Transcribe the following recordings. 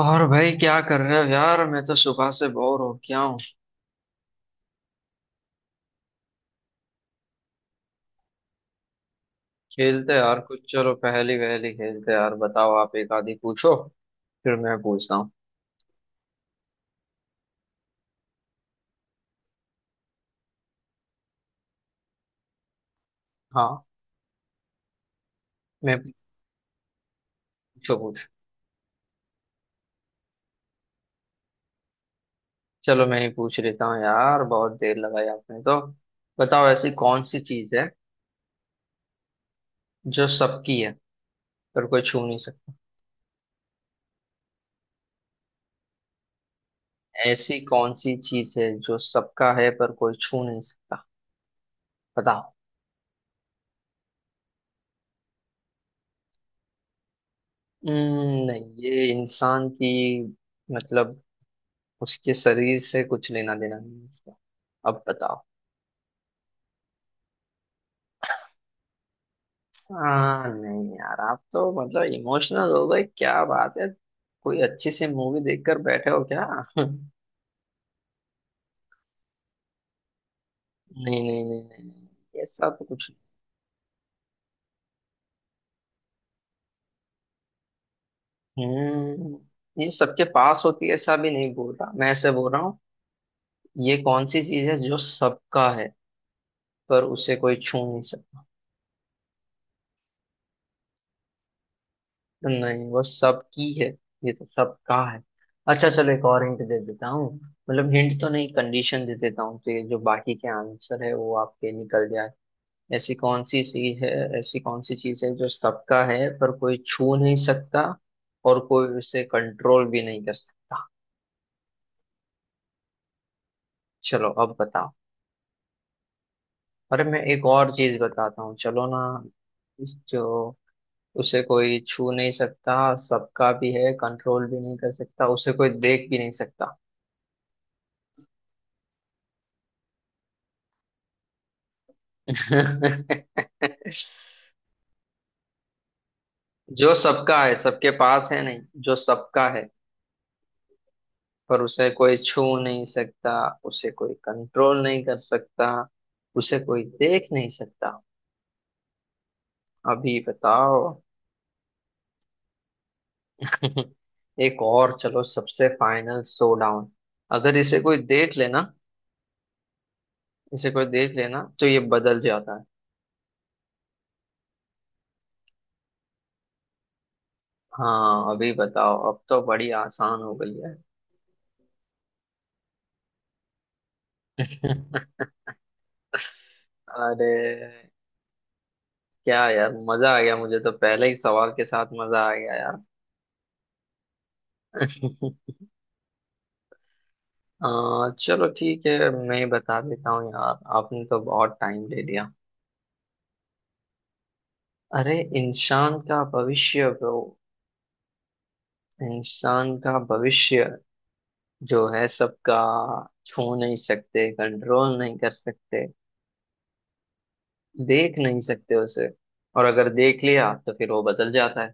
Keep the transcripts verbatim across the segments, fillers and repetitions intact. और भाई क्या कर रहे हो यार, मैं तो सुबह से बोर हो गया हूँ। खेलते यार कुछ, चलो पहेली वहेली खेलते यार, बताओ आप एक आधी पूछो, फिर मैं पूछता हूँ। हाँ, मैं पूछो पूछ। चलो मैं ही पूछ लेता हूँ यार, बहुत देर लगाई आपने तो। बताओ ऐसी कौन सी चीज है जो सबकी है पर कोई छू नहीं सकता। ऐसी कौन सी चीज है जो सबका है पर कोई छू नहीं सकता। बताओ। हम्म, नहीं ये इंसान की मतलब उसके शरीर से कुछ लेना देना नहीं है इसका। अब बताओ। हाँ नहीं यार, आप तो मतलब इमोशनल हो गए, क्या बात है। कोई अच्छी सी मूवी देखकर बैठे हो क्या। नहीं नहीं नहीं नहीं नहीं, ऐसा तो कुछ नहीं। हम्म, ये सबके पास होती है ऐसा भी नहीं बोल रहा मैं, ऐसे बोल रहा हूँ। ये कौन सी चीज है जो सबका है पर उसे कोई छू नहीं सकता। नहीं वो सबकी है, ये तो सबका है। अच्छा चलो एक और हिंट दे देता हूँ, मतलब हिंट तो नहीं कंडीशन दे देता हूँ, तो ये जो बाकी के आंसर है वो आपके निकल जाए। ऐसी कौन सी चीज है, ऐसी कौन सी चीज है जो सबका है पर कोई छू नहीं सकता, और कोई उसे कंट्रोल भी नहीं कर सकता। चलो अब बताओ। अरे मैं एक और चीज बताता हूँ चलो ना। इस जो उसे कोई छू नहीं सकता, सबका भी है, कंट्रोल भी नहीं कर सकता, उसे कोई देख भी नहीं सकता। जो सबका है सबके पास है नहीं, जो सबका है पर उसे कोई छू नहीं सकता, उसे कोई कंट्रोल नहीं कर सकता, उसे कोई देख नहीं सकता। अभी बताओ। एक और चलो, सबसे फाइनल सो डाउन। अगर इसे कोई देख लेना इसे कोई देख लेना तो ये बदल जाता है। हाँ अभी बताओ, अब तो बड़ी आसान हो गई है। अरे क्या यार, मजा आ गया, मुझे तो पहले ही सवाल के साथ मजा आ गया यार। आ, चलो ठीक है, मैं बता देता हूँ यार, आपने तो बहुत टाइम ले लिया। अरे इंसान का भविष्य ब्रो, इंसान का भविष्य, जो है सबका, छू नहीं सकते, कंट्रोल नहीं कर सकते, देख नहीं सकते उसे, और अगर देख लिया तो फिर वो बदल जाता है।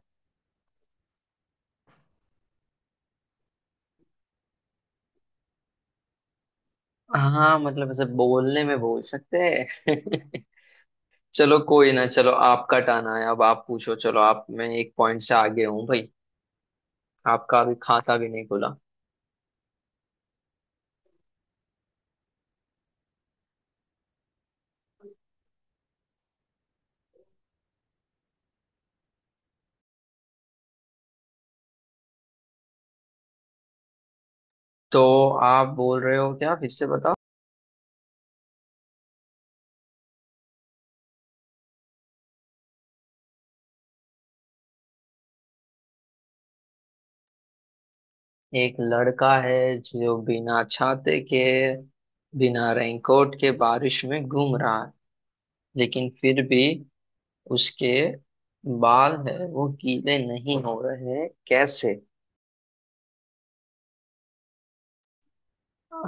हाँ मतलब ऐसे बोलने में बोल सकते हैं। चलो कोई ना, चलो आपका टर्न आया, अब आप पूछो, चलो आप, मैं एक पॉइंट से आगे हूँ भाई, आपका अभी खाता भी नहीं खुला। तो आप बोल रहे हो क्या, फिर से बताओ। एक लड़का है जो बिना छाते के, बिना रेनकोट के बारिश में घूम रहा है, लेकिन फिर भी उसके बाल है वो गीले नहीं हो रहे, कैसे।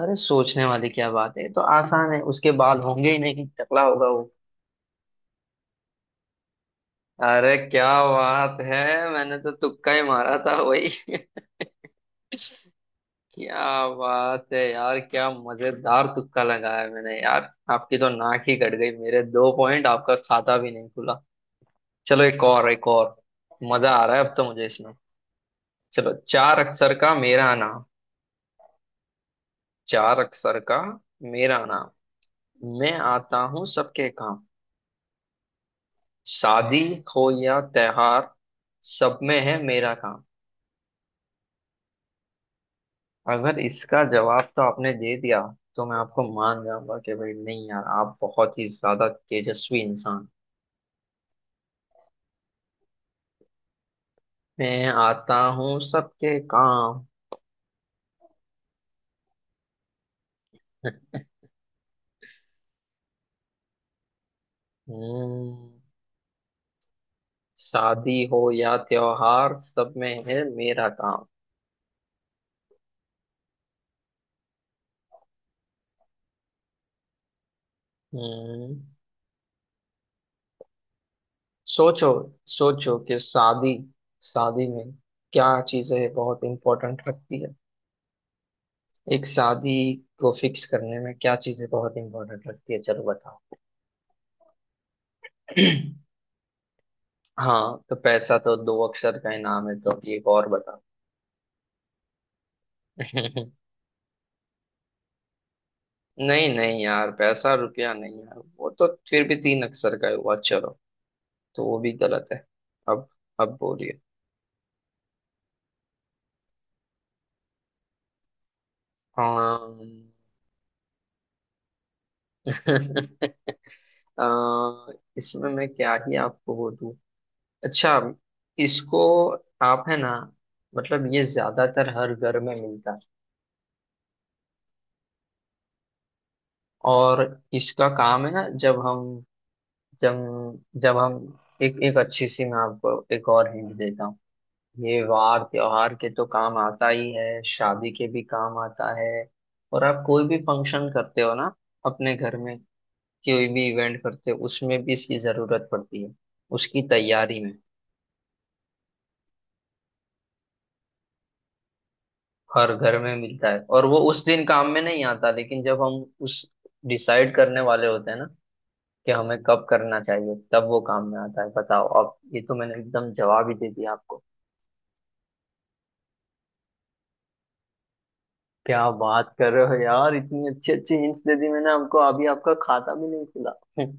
अरे सोचने वाली क्या बात है, ये तो आसान है, उसके बाल होंगे ही नहीं, टकला होगा वो। अरे क्या बात है, मैंने तो तुक्का ही मारा था वही। क्या बात है यार, क्या मजेदार तुक्का लगाया मैंने यार, आपकी तो नाक ही कट गई, मेरे दो पॉइंट, आपका खाता भी नहीं खुला। चलो एक और, एक और, मजा आ रहा है अब तो मुझे इसमें। चलो, चार अक्षर का मेरा नाम, चार अक्षर का मेरा नाम, मैं आता हूँ सबके काम, शादी हो या त्योहार, सब में है मेरा काम। अगर इसका जवाब तो आपने दे दिया तो मैं आपको मान जाऊंगा कि भाई नहीं यार, आप बहुत ही ज्यादा तेजस्वी इंसान। मैं आता हूँ सबके काम। हम्म, शादी हो या त्योहार सब में है मेरा काम। हम्म, सोचो, सोचो कि शादी शादी में क्या चीजें बहुत इंपॉर्टेंट रखती है, एक शादी को फिक्स करने में क्या चीजें बहुत इंपॉर्टेंट रखती है, चलो बताओ। हाँ तो पैसा तो दो अक्षर का ही नाम है, तो अब एक और बता। नहीं नहीं यार, पैसा रुपया नहीं यार, वो तो फिर भी तीन अक्षर का हुआ, चलो तो वो भी गलत है। अब अब बोलिए। हाँ। अ, इसमें मैं क्या ही आपको वो दूं। अच्छा, इसको, आप है ना, मतलब ये ज्यादातर हर घर में मिलता है, और इसका काम है ना, जब हम जब जब हम एक एक अच्छी सी, मैं आपको एक और हिंट देता हूँ, ये वार त्योहार के तो काम आता ही है, शादी के भी काम आता है, और आप कोई भी फंक्शन करते हो ना अपने घर में, कोई भी इवेंट करते हो उसमें भी इसकी जरूरत पड़ती है, उसकी तैयारी में। हर घर में मिलता है, और वो उस दिन काम में नहीं आता लेकिन जब हम उस डिसाइड करने वाले होते हैं ना कि हमें कब करना चाहिए, तब वो काम में आता है। बताओ अब, ये तो मैंने एकदम जवाब ही दे दिया आपको। क्या बात कर रहे हो यार, इतनी अच्छी अच्छी हिंट्स दे दी मैंने आपको, अभी आपका खाता भी नहीं खुला।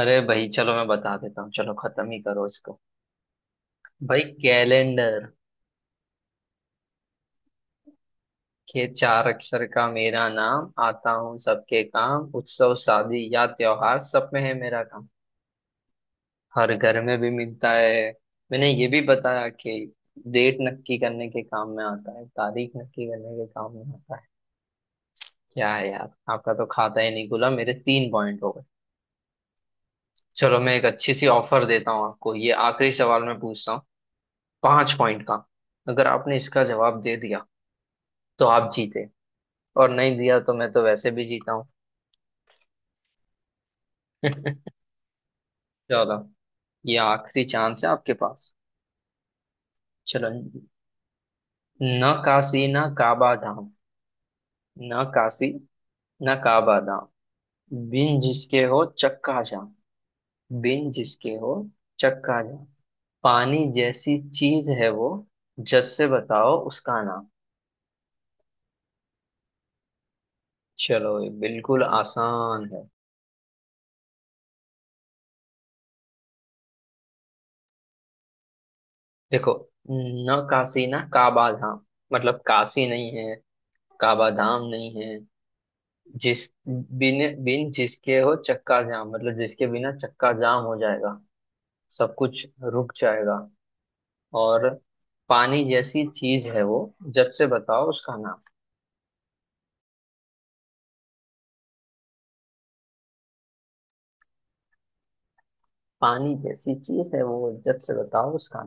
अरे भाई, चलो मैं बता देता हूँ, चलो खत्म ही करो इसको। भाई कैलेंडर के, चार अक्षर का मेरा नाम, आता हूँ सबके काम, उत्सव शादी या त्योहार, सब में है मेरा काम। हर घर में भी मिलता है। मैंने ये भी बताया कि डेट नक्की करने के काम में आता है, तारीख नक्की करने के काम में आता है। क्या है यार, आपका तो खाता ही नहीं खुला, मेरे तीन पॉइंट हो गए। चलो मैं एक अच्छी सी ऑफर देता हूँ आपको, ये आखिरी सवाल मैं पूछता हूँ, पांच पॉइंट का। अगर आपने इसका जवाब दे दिया तो आप जीते, और नहीं दिया तो मैं तो वैसे भी जीता हूँ। चलो, ये आखिरी चांस है आपके पास। चलो, न काशी न काबा धाम, न काशी न काबा धाम, बिन जिसके हो चक्का जाम, बिन जिसके हो चक्का जाम, पानी जैसी चीज है वो, जस से बताओ उसका नाम। चलो ये बिल्कुल आसान है। देखो, न काशी ना काबा धाम, मतलब काशी नहीं है, काबा धाम नहीं है, जिस बिन बिन जिसके हो चक्का जाम, मतलब जिसके बिना चक्का जाम हो जाएगा, सब कुछ रुक जाएगा, और पानी जैसी चीज है वो, जब से बताओ उसका नाम। पानी जैसी चीज है वो, जब से बताओ उसका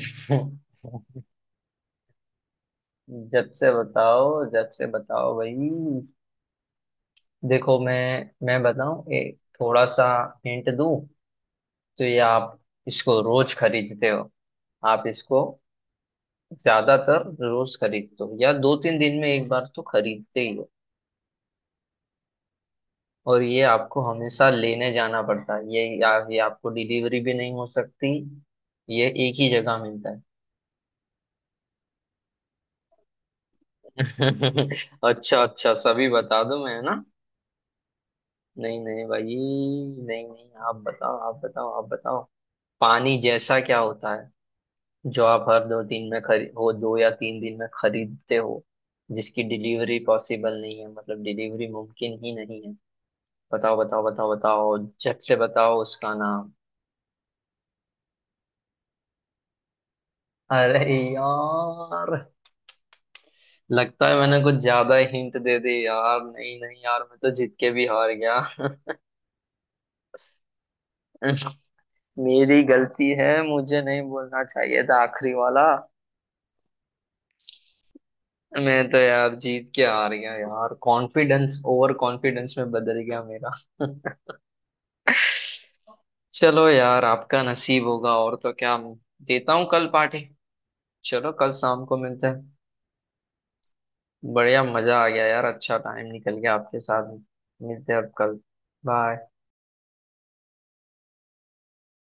नाम। जब से बताओ, जब से बताओ भाई। देखो मैं मैं बताऊं एक थोड़ा सा हिंट दूं, तो ये आप इसको रोज खरीदते हो, आप इसको ज्यादातर रोज खरीदते हो या दो तीन दिन में एक बार तो खरीदते ही हो, और ये आपको हमेशा लेने जाना पड़ता है, ये या, ये आपको डिलीवरी भी नहीं हो सकती, ये एक ही जगह मिलता है। अच्छा अच्छा, सभी बता दो मैं है ना, नहीं नहीं भाई, नहीं नहीं, आप बताओ, आप बताओ, आप बताओ। पानी जैसा क्या होता है जो आप हर दो दिन में खरी, वो दो या तीन दिन में खरीदते हो, जिसकी डिलीवरी पॉसिबल नहीं है, मतलब डिलीवरी मुमकिन ही नहीं है। बताओ बताओ बताओ बताओ, झट से बताओ उसका नाम। अरे यार, लगता है मैंने कुछ ज्यादा हिंट दे दी यार, नहीं नहीं यार, मैं तो जीत के भी हार गया। मेरी गलती है, मुझे नहीं बोलना चाहिए था आखिरी वाला। मैं तो यार जीत के हार गया यार, कॉन्फिडेंस ओवर कॉन्फिडेंस में बदल गया मेरा। चलो यार, आपका नसीब होगा और तो क्या, देता हूँ कल पार्टी। चलो कल शाम को मिलते हैं। बढ़िया, मजा आ गया यार, अच्छा टाइम निकल गया आपके साथ। मिलते हैं अब कल। बाय।